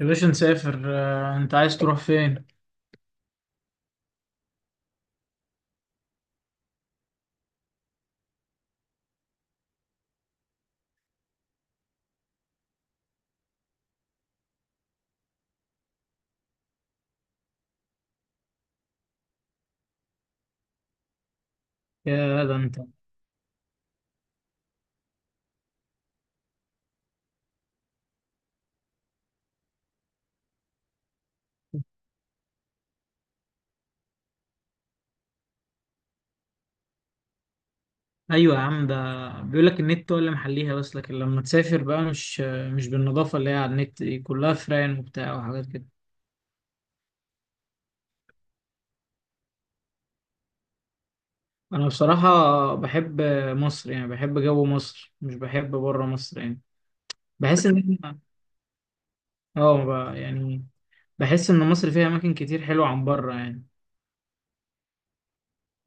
يا باشا نسافر، انت عايز تروح فين؟ يا ده انت. ايوه يا عم ده، بيقول لك النت هو اللي محليها، بس لكن لما تسافر بقى مش بالنظافه اللي هي على النت دي، كلها فران وبتاع وحاجات كده. انا بصراحة بحب مصر، يعني بحب جو مصر، مش بحب بره مصر يعني. بحس ان إحنا- اه، يعني بحس ان مصر فيها اماكن كتير حلوة عن بره يعني.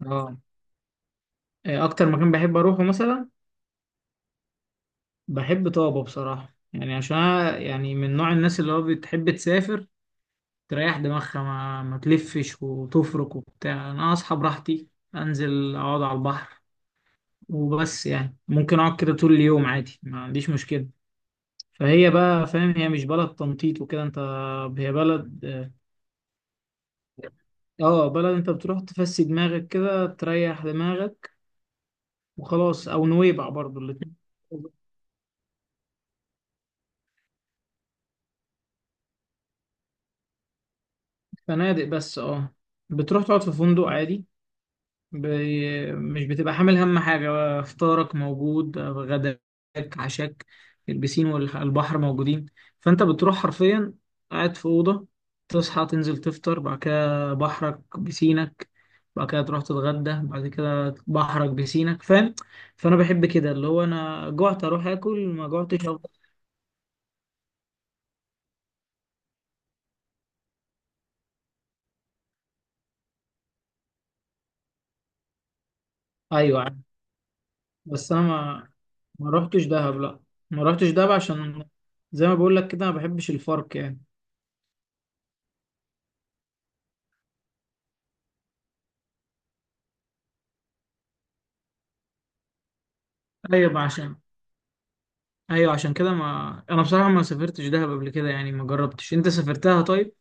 اه، إيه اكتر مكان بحب اروحه مثلا؟ بحب طابة بصراحة، يعني عشان أنا يعني من نوع الناس اللي هو بتحب تسافر تريح دماغها، ما تلفش وتفرك وبتاع. انا اصحى براحتي، انزل اقعد على البحر وبس، يعني ممكن اقعد كده طول اليوم عادي، ما عنديش مشكلة. فهي بقى فاهم، هي مش بلد تنطيط وكده انت. هي بلد اه آه، بلد انت بتروح تفسي دماغك كده، تريح دماغك وخلاص. او نويبع برضو، الاتنين فنادق بس. اه بتروح تقعد في فندق عادي، مش بتبقى حامل هم حاجة، فطارك موجود، غداك، عشاك، البسين والبحر موجودين. فأنت بتروح حرفيا قاعد في أوضة، تصحى تنزل تفطر، بعد كده بحرك بسينك، بعد كده تروح تتغدى، بعد كده بحرك بسينك فاهم. فأنا بحب كده، اللي هو أنا جوعت أروح آكل، ما جوعتش أفضل. أيوة عارف. بس أنا ما رحتش دهب، لأ، ما رحتش دهب، عشان زي ما بقول لك كده، ما بحبش الفرق يعني. أيوة عشان ايوه عشان كده، ما انا بصراحه ما سافرتش دهب قبل كده، يعني ما جربتش. انت سافرتها طيب؟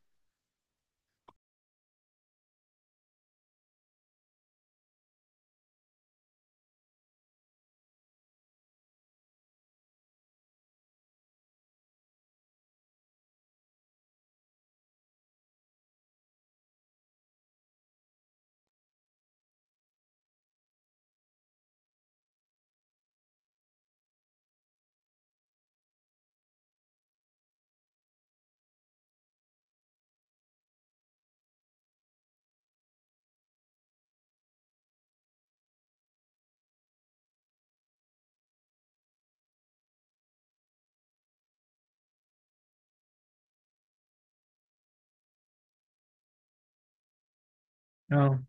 اه،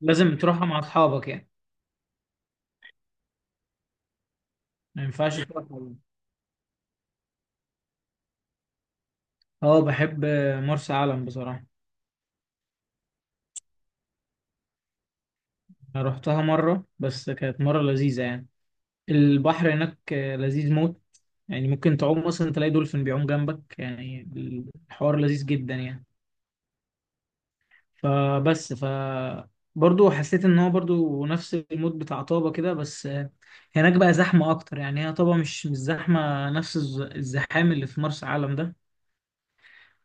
لازم تروحها مع اصحابك يعني، ما ينفعش تروح لوحدك. اه، بحب مرسى علم بصراحه. انا رحتها مره بس، كانت مره لذيذه يعني. البحر هناك لذيذ موت، يعني ممكن تعوم مثلا تلاقي دولفين بيعوم جنبك يعني. الحوار لذيذ جدا يعني. فبس برضه حسيت ان هو برضه نفس المود بتاع طابة كده، بس هناك بقى زحمة اكتر. يعني هي طابة مش زحمة نفس الزحام اللي في مرسى علم ده،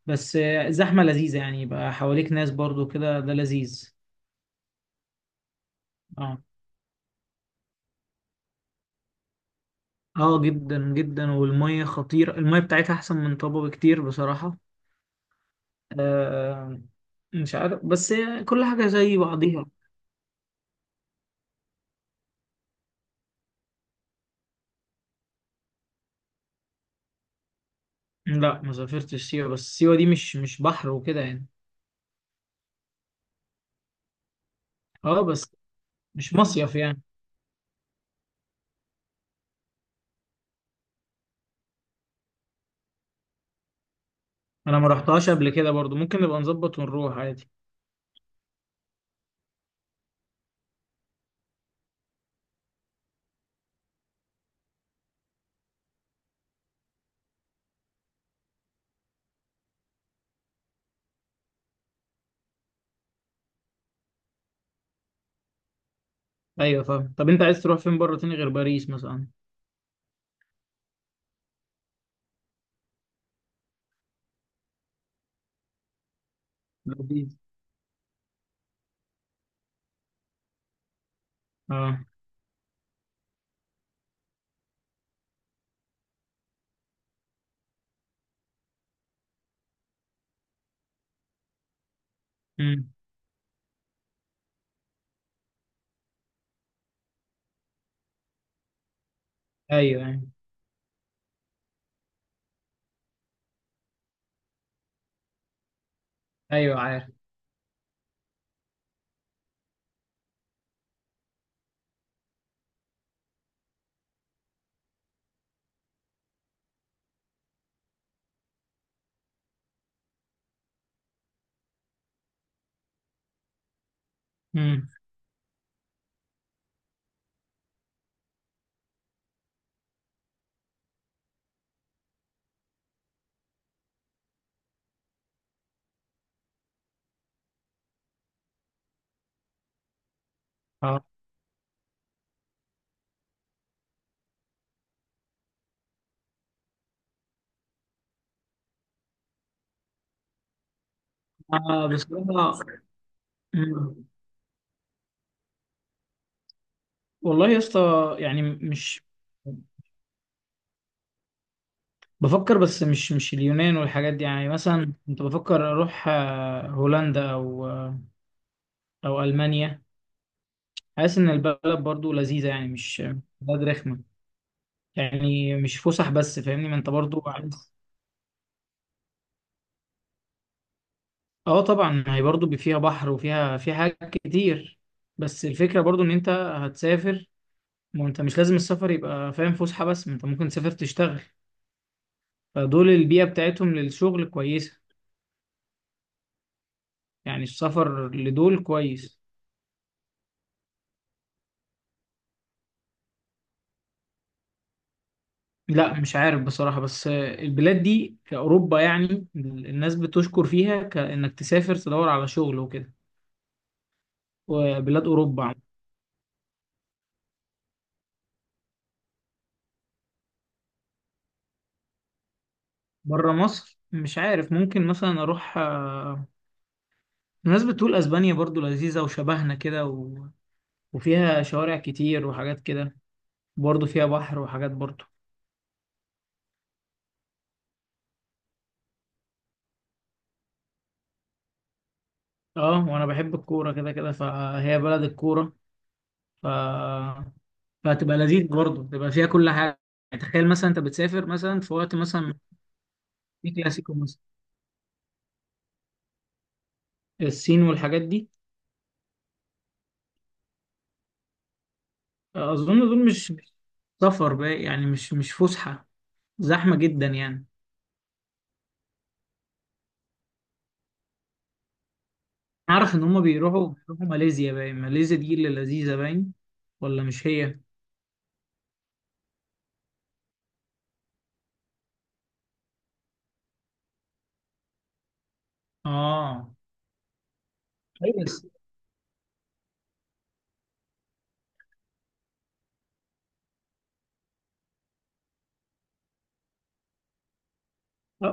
بس زحمة لذيذة يعني، يبقى حواليك ناس برضه كده، ده لذيذ. اه، اه، جدا جدا، والمية خطيرة، المية بتاعتها احسن من طابة بكتير بصراحة. آه مش عارف، بس كل حاجة زي بعضيها. لا، ما سافرتش سيوة، بس سيوة دي مش بحر وكده يعني. اه، بس مش مصيف يعني. انا ما رحتهاش قبل كده برضو، ممكن نبقى نظبط ونروح عادي. ايوه فاهم، طب انت عايز تروح فين بره تاني غير باريس مثلا؟ لذيذ. اه. امم. ايوه، ايوه. ايوه عارف. امم. اه، بصراحه. مم. والله يا اسطى، يعني مش بفكر، بس مش اليونان والحاجات دي. يعني مثلا كنت بفكر اروح هولندا او المانيا. حاسس ان البلد برضو لذيذه، يعني مش بلد رخمه، يعني مش فسح بس فاهمني، ما انت برضو عايز. اه طبعا، ما هي برضه فيها بحر، وفيها في حاجات كتير. بس الفكرة برضه ان انت هتسافر، ما انت مش لازم السفر يبقى فاهم فسحة بس، ما انت ممكن تسافر تشتغل، فدول البيئة بتاعتهم للشغل كويسة. يعني السفر لدول كويس. لا مش عارف بصراحة، بس البلاد دي في أوروبا يعني، الناس بتشكر فيها كأنك تسافر تدور على شغل وكده، وبلاد أوروبا عم. بره مصر مش عارف، ممكن مثلا أروح. الناس بتقول اسبانيا برضو لذيذة وشبهنا كده، وفيها شوارع كتير وحاجات كده، برضه فيها بحر وحاجات برضه. اه، وانا بحب الكورة كده كده، فهي بلد الكورة. ف... فهتبقى لذيذ برضه، تبقى فيها كل حاجة. يعني تخيل مثلا انت بتسافر مثلا في وقت مثلا في كلاسيكو مثلا. الصين والحاجات دي، اظن دول مش سفر بقى، يعني مش فسحة، زحمة جدا يعني. اعرف ان هما بيروحوا ماليزيا، باين ماليزيا دي اللي لذيذة، باين، ولا مش هي؟ اه، أيوة.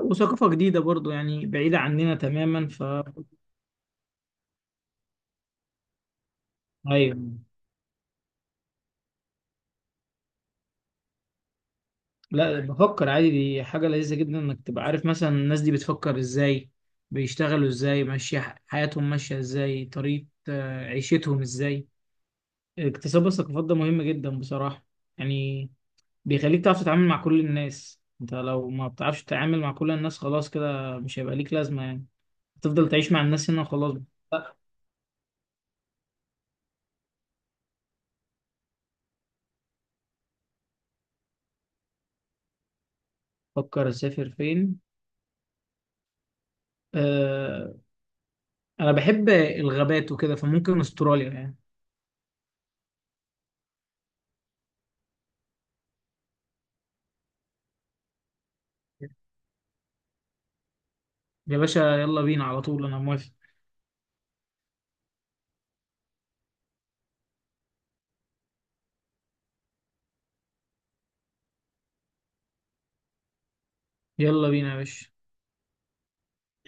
وثقافة جديدة برضو، يعني بعيدة عننا تماما. ايوه، لا بفكر عادي، دي حاجة لذيذة جدا، انك تبقى عارف مثلا الناس دي بتفكر ازاي، بيشتغلوا ازاي، ماشية حياتهم ماشية ازاي، طريقة عيشتهم ازاي. اكتساب الثقافات ده مهم جدا بصراحة. يعني بيخليك تعرف تتعامل مع كل الناس، انت لو ما بتعرفش تتعامل مع كل الناس خلاص كده مش هيبقى ليك لازمة يعني. تفضل تعيش مع الناس هنا وخلاص بقى. فكر اسافر فين، آه، انا بحب الغابات وكده، فممكن استراليا يعني. يا باشا يلا بينا على طول، انا موافق. يلا بينا يا باشا.